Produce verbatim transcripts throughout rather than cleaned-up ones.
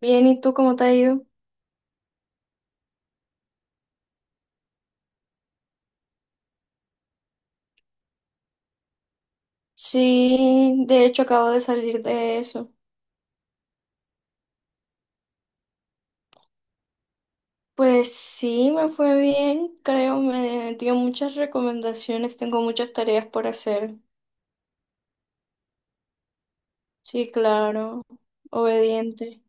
Bien, ¿y tú cómo te ha ido? Sí, de hecho acabo de salir de eso. Pues sí, me fue bien, creo, me dio muchas recomendaciones, tengo muchas tareas por hacer. Sí, claro, obediente.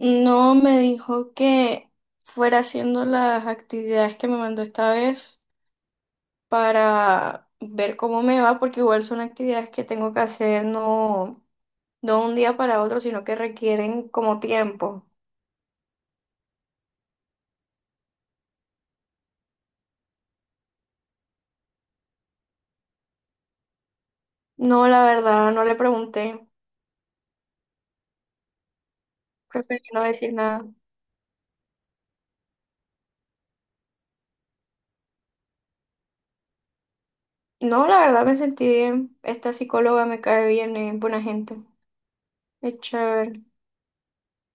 No, me dijo que fuera haciendo las actividades que me mandó esta vez para ver cómo me va, porque igual son actividades que tengo que hacer no, no un día para otro, sino que requieren como tiempo. No, la verdad, no le pregunté. Preferí no decir nada. No, la verdad me sentí bien. Esta psicóloga me cae bien, es buena gente. Es chévere.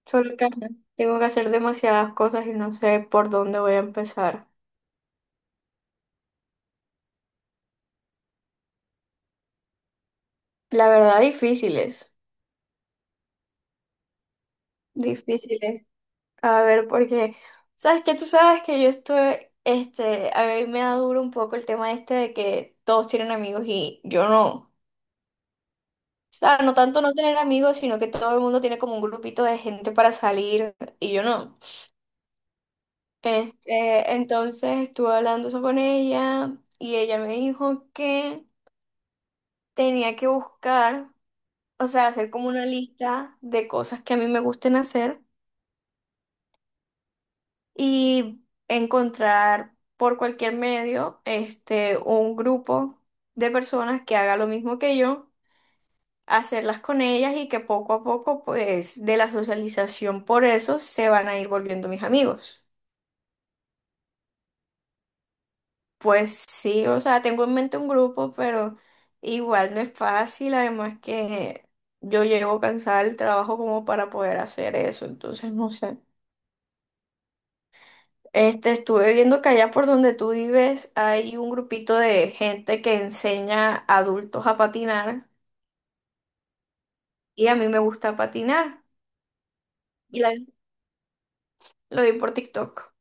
Solo que ajá, tengo que hacer demasiadas cosas y no sé por dónde voy a empezar. La verdad, difíciles. Difíciles. A ver, porque, ¿sabes qué? Tú sabes que yo estoy, este, a mí me da duro un poco el tema este de que todos tienen amigos y yo no. O sea, no tanto no tener amigos, sino que todo el mundo tiene como un grupito de gente para salir y yo no. Este, entonces estuve hablando eso con ella y ella me dijo que tenía que buscar, o sea, hacer como una lista de cosas que a mí me gusten hacer y encontrar por cualquier medio, este, un grupo de personas que haga lo mismo que yo, hacerlas con ellas y que poco a poco, pues, de la socialización por eso se van a ir volviendo mis amigos. Pues sí, o sea, tengo en mente un grupo, pero igual no es fácil, además que yo llego cansada del trabajo como para poder hacer eso, entonces no sé. Este, estuve viendo que allá por donde tú vives hay un grupito de gente que enseña a adultos a patinar y a mí me gusta patinar y la- lo vi por TikTok.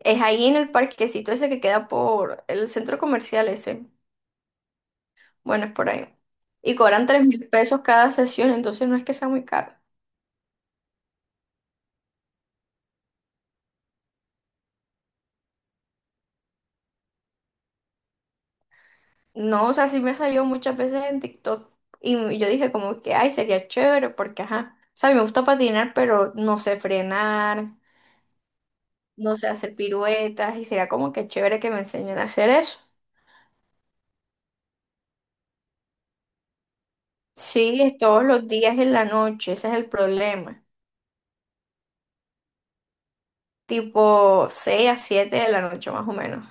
Es ahí en el parquecito ese que queda por el centro comercial ese. Bueno, es por ahí. Y cobran tres mil pesos cada sesión, entonces no es que sea muy caro. No, o sea, sí me salió muchas veces en TikTok y m- yo dije como que, ay, sería chévere porque, ajá, o sea, a mí me gusta patinar, pero no sé frenar, no sé hacer piruetas y sería como que chévere que me enseñen a hacer eso. Sí, es todos los días en la noche, ese es el problema, tipo seis a siete de la noche más o menos.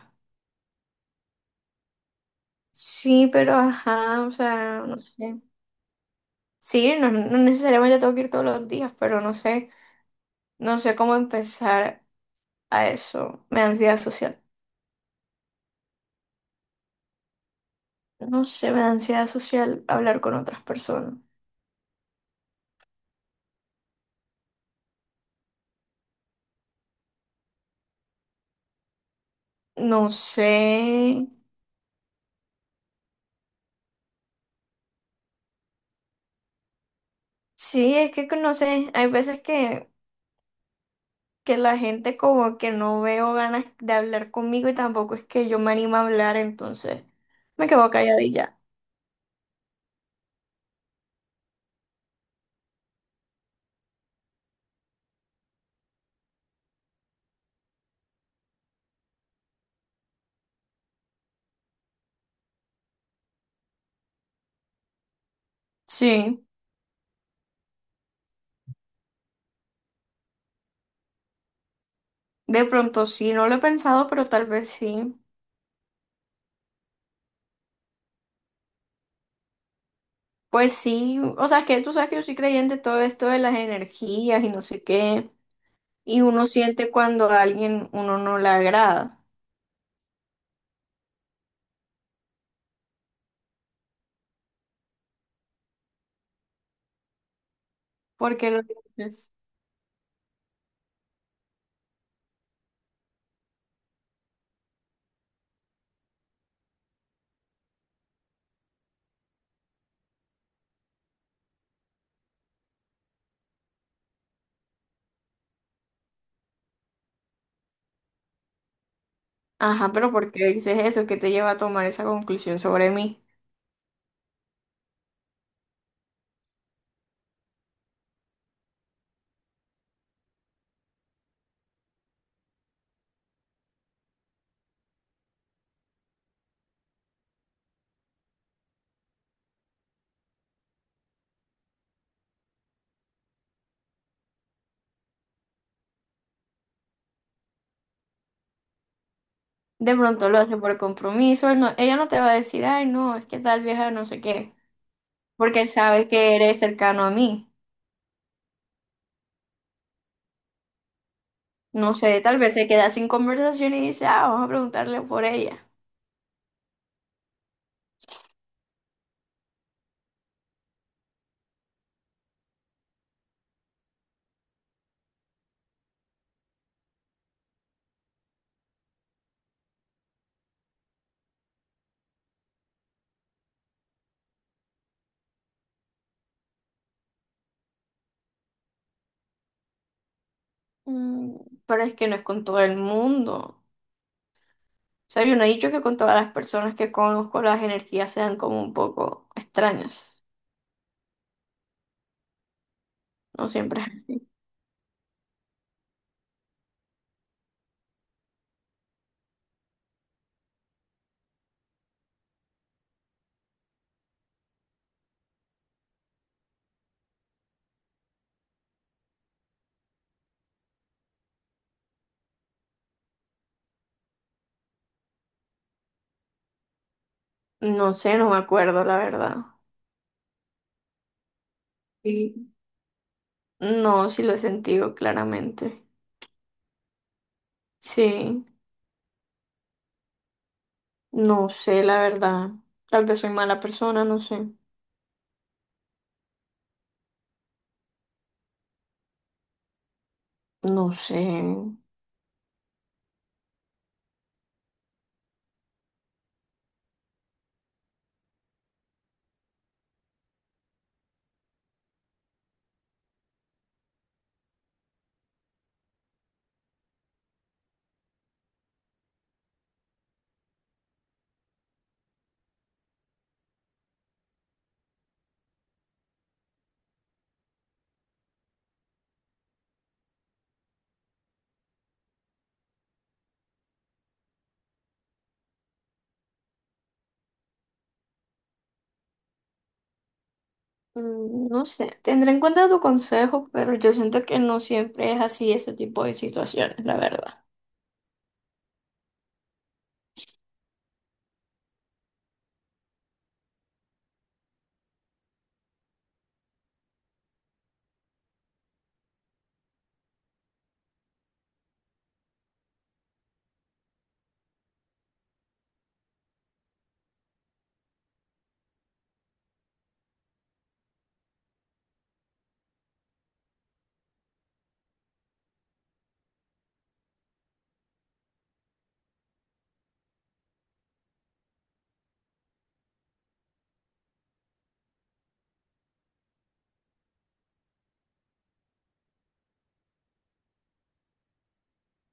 Sí, pero, ajá, o sea, no sé. Sí, no, no necesariamente tengo que ir todos los días, pero no sé, no sé cómo empezar a eso, me da ansiedad social. No sé, me da ansiedad social hablar con otras personas. No sé. Sí, es que no sé. Hay veces que, que la gente como que no veo ganas de hablar conmigo y tampoco es que yo me animo a hablar, entonces me quedo calladilla. Sí, de pronto sí, no lo he pensado, pero tal vez sí. Pues sí, o sea, es que tú sabes que yo soy creyente en todo esto de las energías y no sé qué. Y uno siente cuando a alguien uno no le agrada. Porque lo Ajá, pero ¿por qué dices eso? ¿Qué te lleva a tomar esa conclusión sobre mí? De pronto lo hace por compromiso, él no- ella no te va a decir, ay, no, es que tal vieja no sé qué, porque sabe que eres cercano a mí. No sé, tal vez se queda sin conversación y dice, ah, vamos a preguntarle por ella. Mm, pero es que no es con todo el mundo. O sea, yo no he dicho que con todas las personas que conozco las energías sean como un poco extrañas. No siempre. es- No sé, no me acuerdo, la verdad. Sí, no, sí lo he sentido claramente. Sí, no sé, la verdad. Tal vez soy mala persona, no sé. No sé. Mm, no sé. Tendré en cuenta tu consejo, pero yo siento que no siempre es así ese tipo de situaciones, la verdad.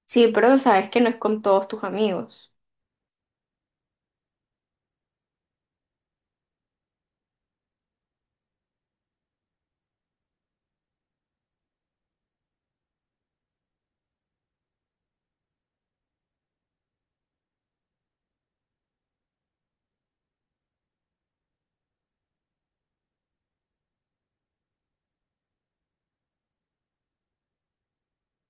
Sí, pero sabes que no es con todos tus amigos.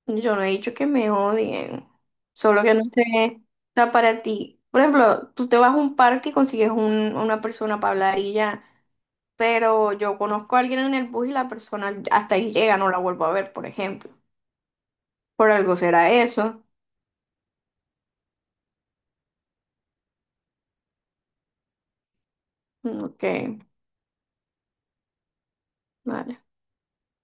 Yo no he dicho que me odien, solo que no sé, está para ti. Por ejemplo, tú te vas a un parque y consigues un- una persona para hablar y ya, pero yo conozco a alguien en el bus y la persona hasta ahí llega, no la vuelvo a ver, por ejemplo. Por algo será eso. Mm, ok, vale.